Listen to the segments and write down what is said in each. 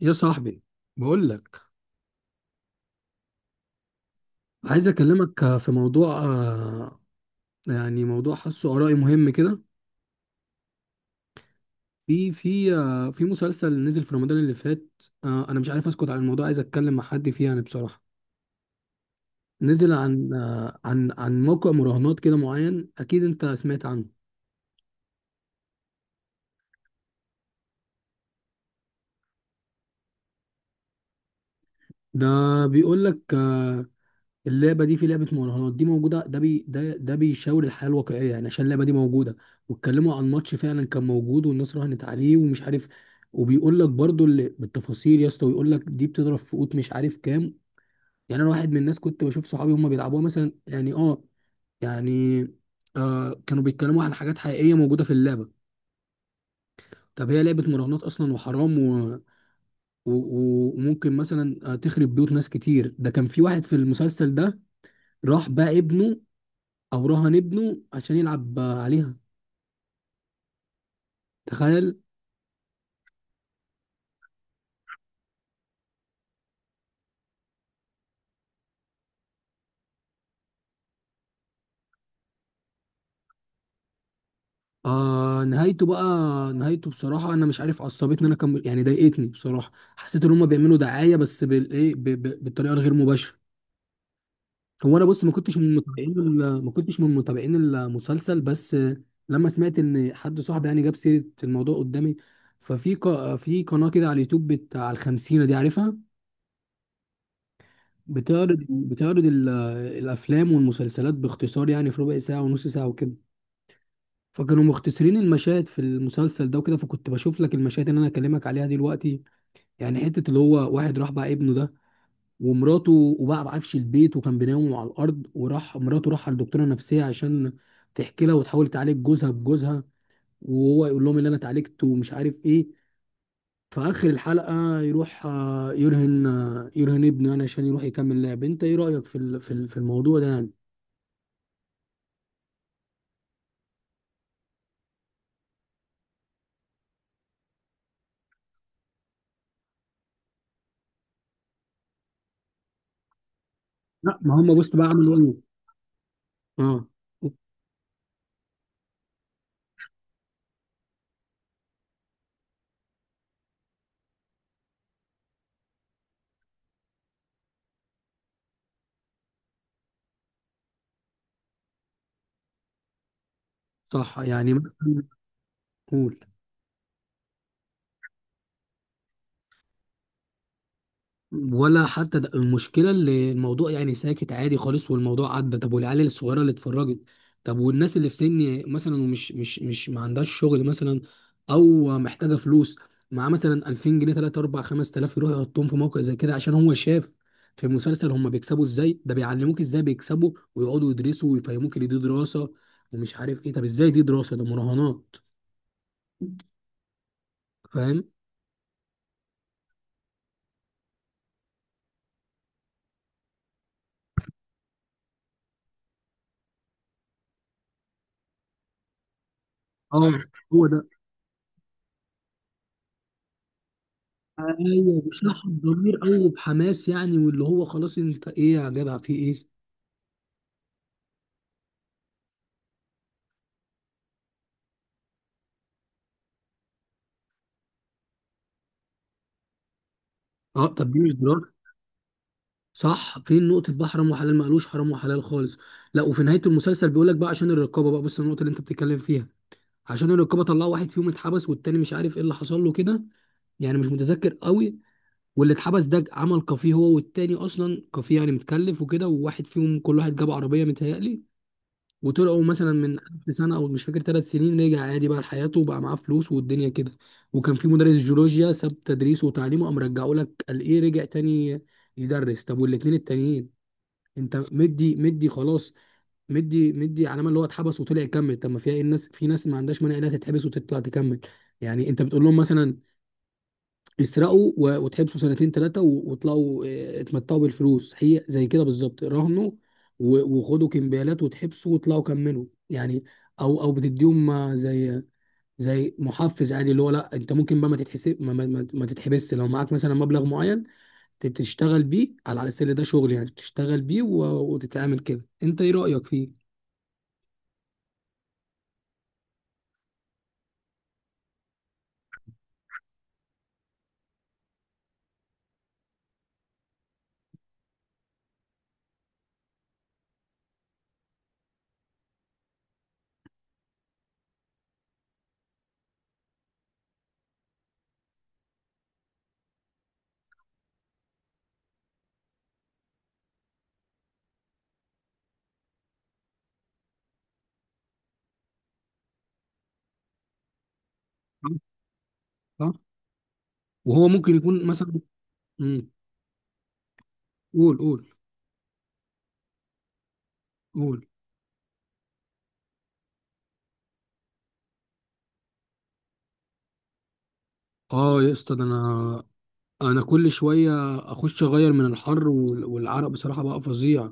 يا صاحبي، بقول لك عايز اكلمك في موضوع، يعني موضوع حاسه ارائي مهم كده. في مسلسل نزل في رمضان اللي فات. انا مش عارف اسكت عن الموضوع، عايز اتكلم مع حد فيه يعني بصراحة. نزل عن آه، عن عن موقع مراهنات كده معين، اكيد انت سمعت عنه. ده بيقول لك اللعبه دي، في لعبه مراهنات دي موجوده، ده بي ده ده بيشاور الحياه الواقعيه يعني، عشان اللعبه دي موجوده. واتكلموا عن ماتش فعلا كان موجود والناس راهنت عليه ومش عارف. وبيقول لك برضو اللي بالتفاصيل يا اسطى، ويقول لك دي بتضرب في قوت مش عارف كام. يعني انا واحد من الناس كنت بشوف صحابي هم بيلعبوها مثلا، يعني اه يعني كانوا بيتكلموا عن حاجات حقيقيه موجوده في اللعبه. طب هي لعبه مراهنات اصلا، وحرام وممكن مثلا تخرب بيوت ناس كتير. ده كان في واحد في المسلسل ده، راح بقى ابنه، او رهن ابنه عشان يلعب عليها، تخيل. آه نهايته بقى نهايته بصراحة أنا مش عارف، عصبتني أنا كم يعني، ضايقتني بصراحة. حسيت إن هما بيعملوا دعاية، بس بال إيه، بالطريقة الغير مباشرة. هو أنا بص، ما كنتش من متابعين ال- ما كنتش من متابعين المسلسل، بس لما سمعت إن حد صاحبي يعني جاب سيرة الموضوع قدامي. في قناة كده على اليوتيوب، بتاع الخمسينة دي، عارفها، بتعرض بتعرض ال- الأفلام والمسلسلات باختصار، يعني في ربع ساعة ونص ساعة وكده. فكانوا مختصرين المشاهد في المسلسل ده وكده، فكنت بشوف لك المشاهد اللي انا اكلمك عليها دلوقتي. يعني حته اللي هو واحد راح بقى ابنه ده ومراته، وبقى بعفش البيت وكان بينام على الارض، وراح مراته راح على الدكتوره النفسيه عشان تحكي لها وتحاول تعالج جوزها بجوزها، وهو يقول لهم اللي انا اتعالجت ومش عارف ايه. في اخر الحلقه يروح يرهن ابنه يعني، عشان يروح يكمل لعب. انت ايه رايك في الموضوع ده يعني؟ لا، ما هم بص بقى عملوا ايه. اه، صح، يعني مثلا، قول. ولا حتى ده المشكله، اللي الموضوع يعني ساكت عادي خالص والموضوع عدى. طب والعيال الصغيره اللي اتفرجت؟ طب والناس اللي في سني مثلا ومش مش مش ما عندهاش شغل مثلا، او محتاجه فلوس، مع مثلا 2000 جنيه 3 4 5000 يروح يحطهم في موقع زي كده، عشان هو شاف في مسلسل هم بيكسبوا ازاي، ده بيعلموك ازاي بيكسبوا، ويقعدوا يدرسوا ويفهموك ان دي دراسه ومش عارف ايه. طب ازاي دي دراسه؟ ده مراهنات، فاهم. اه، هو ده. ايوه، بشحن ضمير او بحماس يعني، واللي هو خلاص، انت ايه يا جدع، في ايه. اه، طب دي مش ضرار. صح، فين نقطه بقى حرام وحلال؟ ما قالوش حرام وحلال خالص. لا، وفي نهايه المسلسل بيقول لك بقى، عشان الرقابه بقى، بص النقطه اللي انت بتتكلم فيها، عشان الرقابه طلعوا واحد فيهم اتحبس، والتاني مش عارف ايه اللي حصل له كده، يعني مش متذكر قوي. واللي اتحبس ده عمل كافيه هو والتاني، اصلا كافيه يعني متكلف وكده، وواحد فيهم كل واحد جاب عربيه متهيألي، وطلعوا مثلا من 1000 سنه او مش فاكر 3 سنين، رجع عادي بقى لحياته وبقى معاه فلوس والدنيا كده. وكان في مدرس جيولوجيا ساب تدريسه وتعليمه، قام رجعه لك قال ايه، رجع تاني يدرس. طب والاثنين التانيين؟ انت مدي مدي خلاص، مدي مدي علامه اللي هو اتحبس وطلع يكمل. طب ما فيها ايه؟ الناس، في ناس ما عندهاش مانع انها تتحبس وتطلع تكمل. يعني انت بتقول لهم مثلا تسرقوا وتحبسوا سنتين ثلاثة وتلاقوا اتمتعوا بالفلوس، هي زي كده بالظبط راهنوا وخدوا كمبيالات وتحبسوا وتلاقوا كملوا يعني. او بتديهم زي محفز عادي، اللي هو لا، انت ممكن بقى ما تتحسب، ما تتحبس لو معاك مثلا مبلغ معين، تشتغل بيه على السل ده شغل يعني، تشتغل بيه وتتعامل كده. انت ايه رأيك فيه؟ صح؟ وهو ممكن يكون مثلا. مم. قول قول. قول. اه يا اسطى، ده انا كل شويه اخش اغير من الحر والعرق، بصراحه بقى فظيع.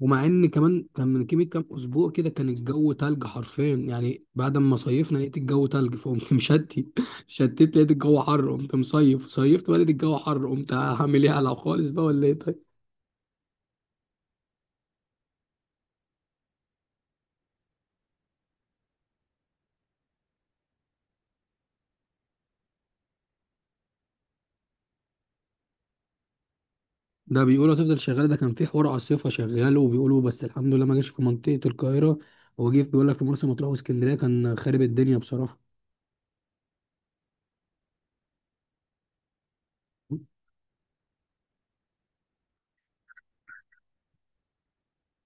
ومع ان كمان كان من كيمي كام اسبوع كده، كان الجو تلج حرفيا يعني، بعد ما صيفنا لقيت الجو تلج، فقمت شتت، لقيت الجو حر قمت مصيف، صيفت بقى لقيت الجو حر، قمت هعمل ايه، هلعب خالص بقى ولا ايه طيب. ده بيقولوا هتفضل شغاله، ده كان في حوار عاصفه شغال وبيقولوا بس الحمد لله ما جاش في منطقه القاهره. هو جه بيقول لك في مرسى مطروح واسكندريه كان خارب الدنيا بصراحه.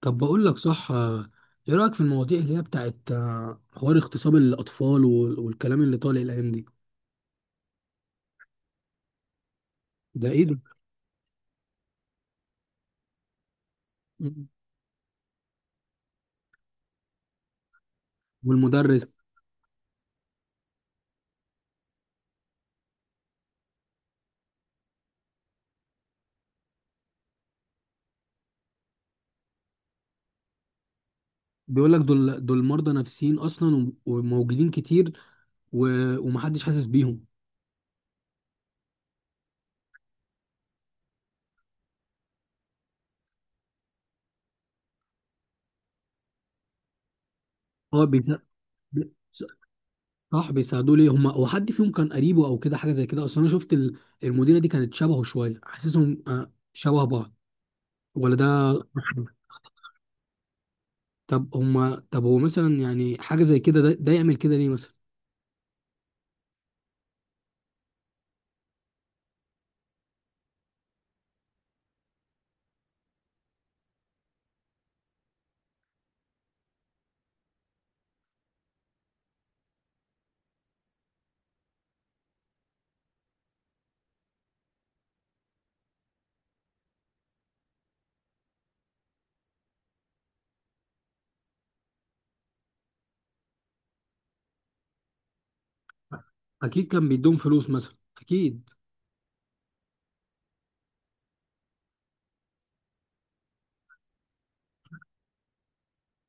طب بقول لك صح، ايه رأيك في المواضيع اللي هي بتاعت حوار اغتصاب الأطفال والكلام اللي طالع الأيام دي. ده ايه ده. مم. والمدرس. بيقول لك دول دول مرضى نفسيين أصلا، وموجودين كتير، ومحدش حاسس بيهم. هو بيسا... بي- صح، بيساعدوه ليه؟ هما هو حد فيهم كان قريبه أو كده حاجة زي كده؟ أصلا أنا شفت المديرة دي كانت شبهه شوية، حاسسهم شبه بعض، ولا ده؟ طب هو مثلا يعني حاجة زي كده، ده يعمل كده ليه مثلا. اكيد كان بيدوم فلوس مثلا، اكيد.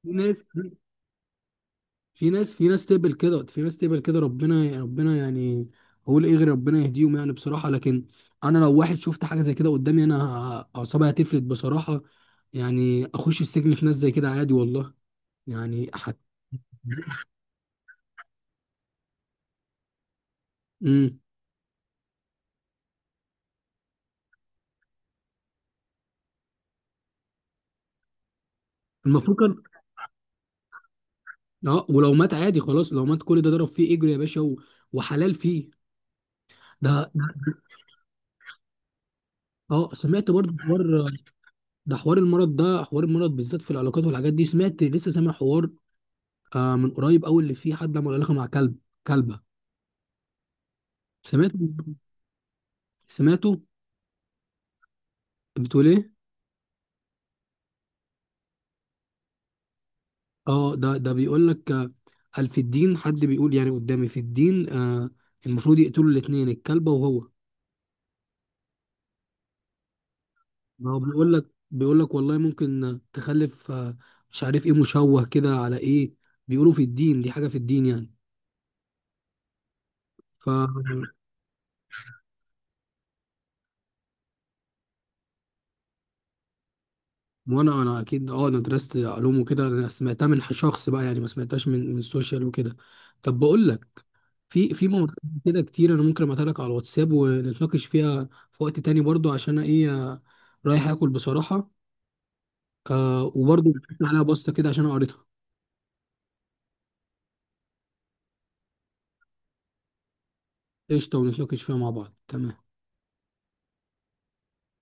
في ناس في ناس تقبل كده، ربنا ربنا يعني. اقول ايه غير ربنا يهديهم يعني بصراحه. لكن انا لو واحد شفت حاجه زي كده قدامي، انا اعصابي هتفلت بصراحه، يعني اخش السجن في ناس زي كده عادي والله. يعني امم المفروض كان. اه، ولو مات عادي خلاص، لو مات كل ده ضرب فيه اجر يا باشا وحلال فيه. ده ده- اه، سمعت برضه حوار. ده حوار المرض بالذات في العلاقات والحاجات دي، لسه سامع حوار، آه من قريب قوي، اللي فيه حد عمل علاقه مع كلب، كلبه. سمعته سمعته. بتقول ايه؟ اه، ده بيقول لك، آه، قال في الدين، حد بيقول يعني قدامي في الدين، آه، المفروض يقتلوا الاثنين، الكلبه وهو. ما هو بيقول لك والله ممكن تخلف، آه مش عارف ايه، مشوه كده على ايه، بيقولوا في الدين دي حاجه في الدين يعني. ف وانا اكيد، اه انا درست علوم وكده، انا سمعتها من شخص بقى يعني، ما سمعتهاش من السوشيال وكده. طب بقول لك، في مواضيع كده كتير، انا ممكن ابعتها لك على الواتساب ونتناقش فيها في وقت تاني برضو. عشان انا ايه، رايح اكل بصراحة. وبرضو عليها بصة كده، عشان أنا قريتها. قشطة، ونتناقش فيها مع بعض، تمام.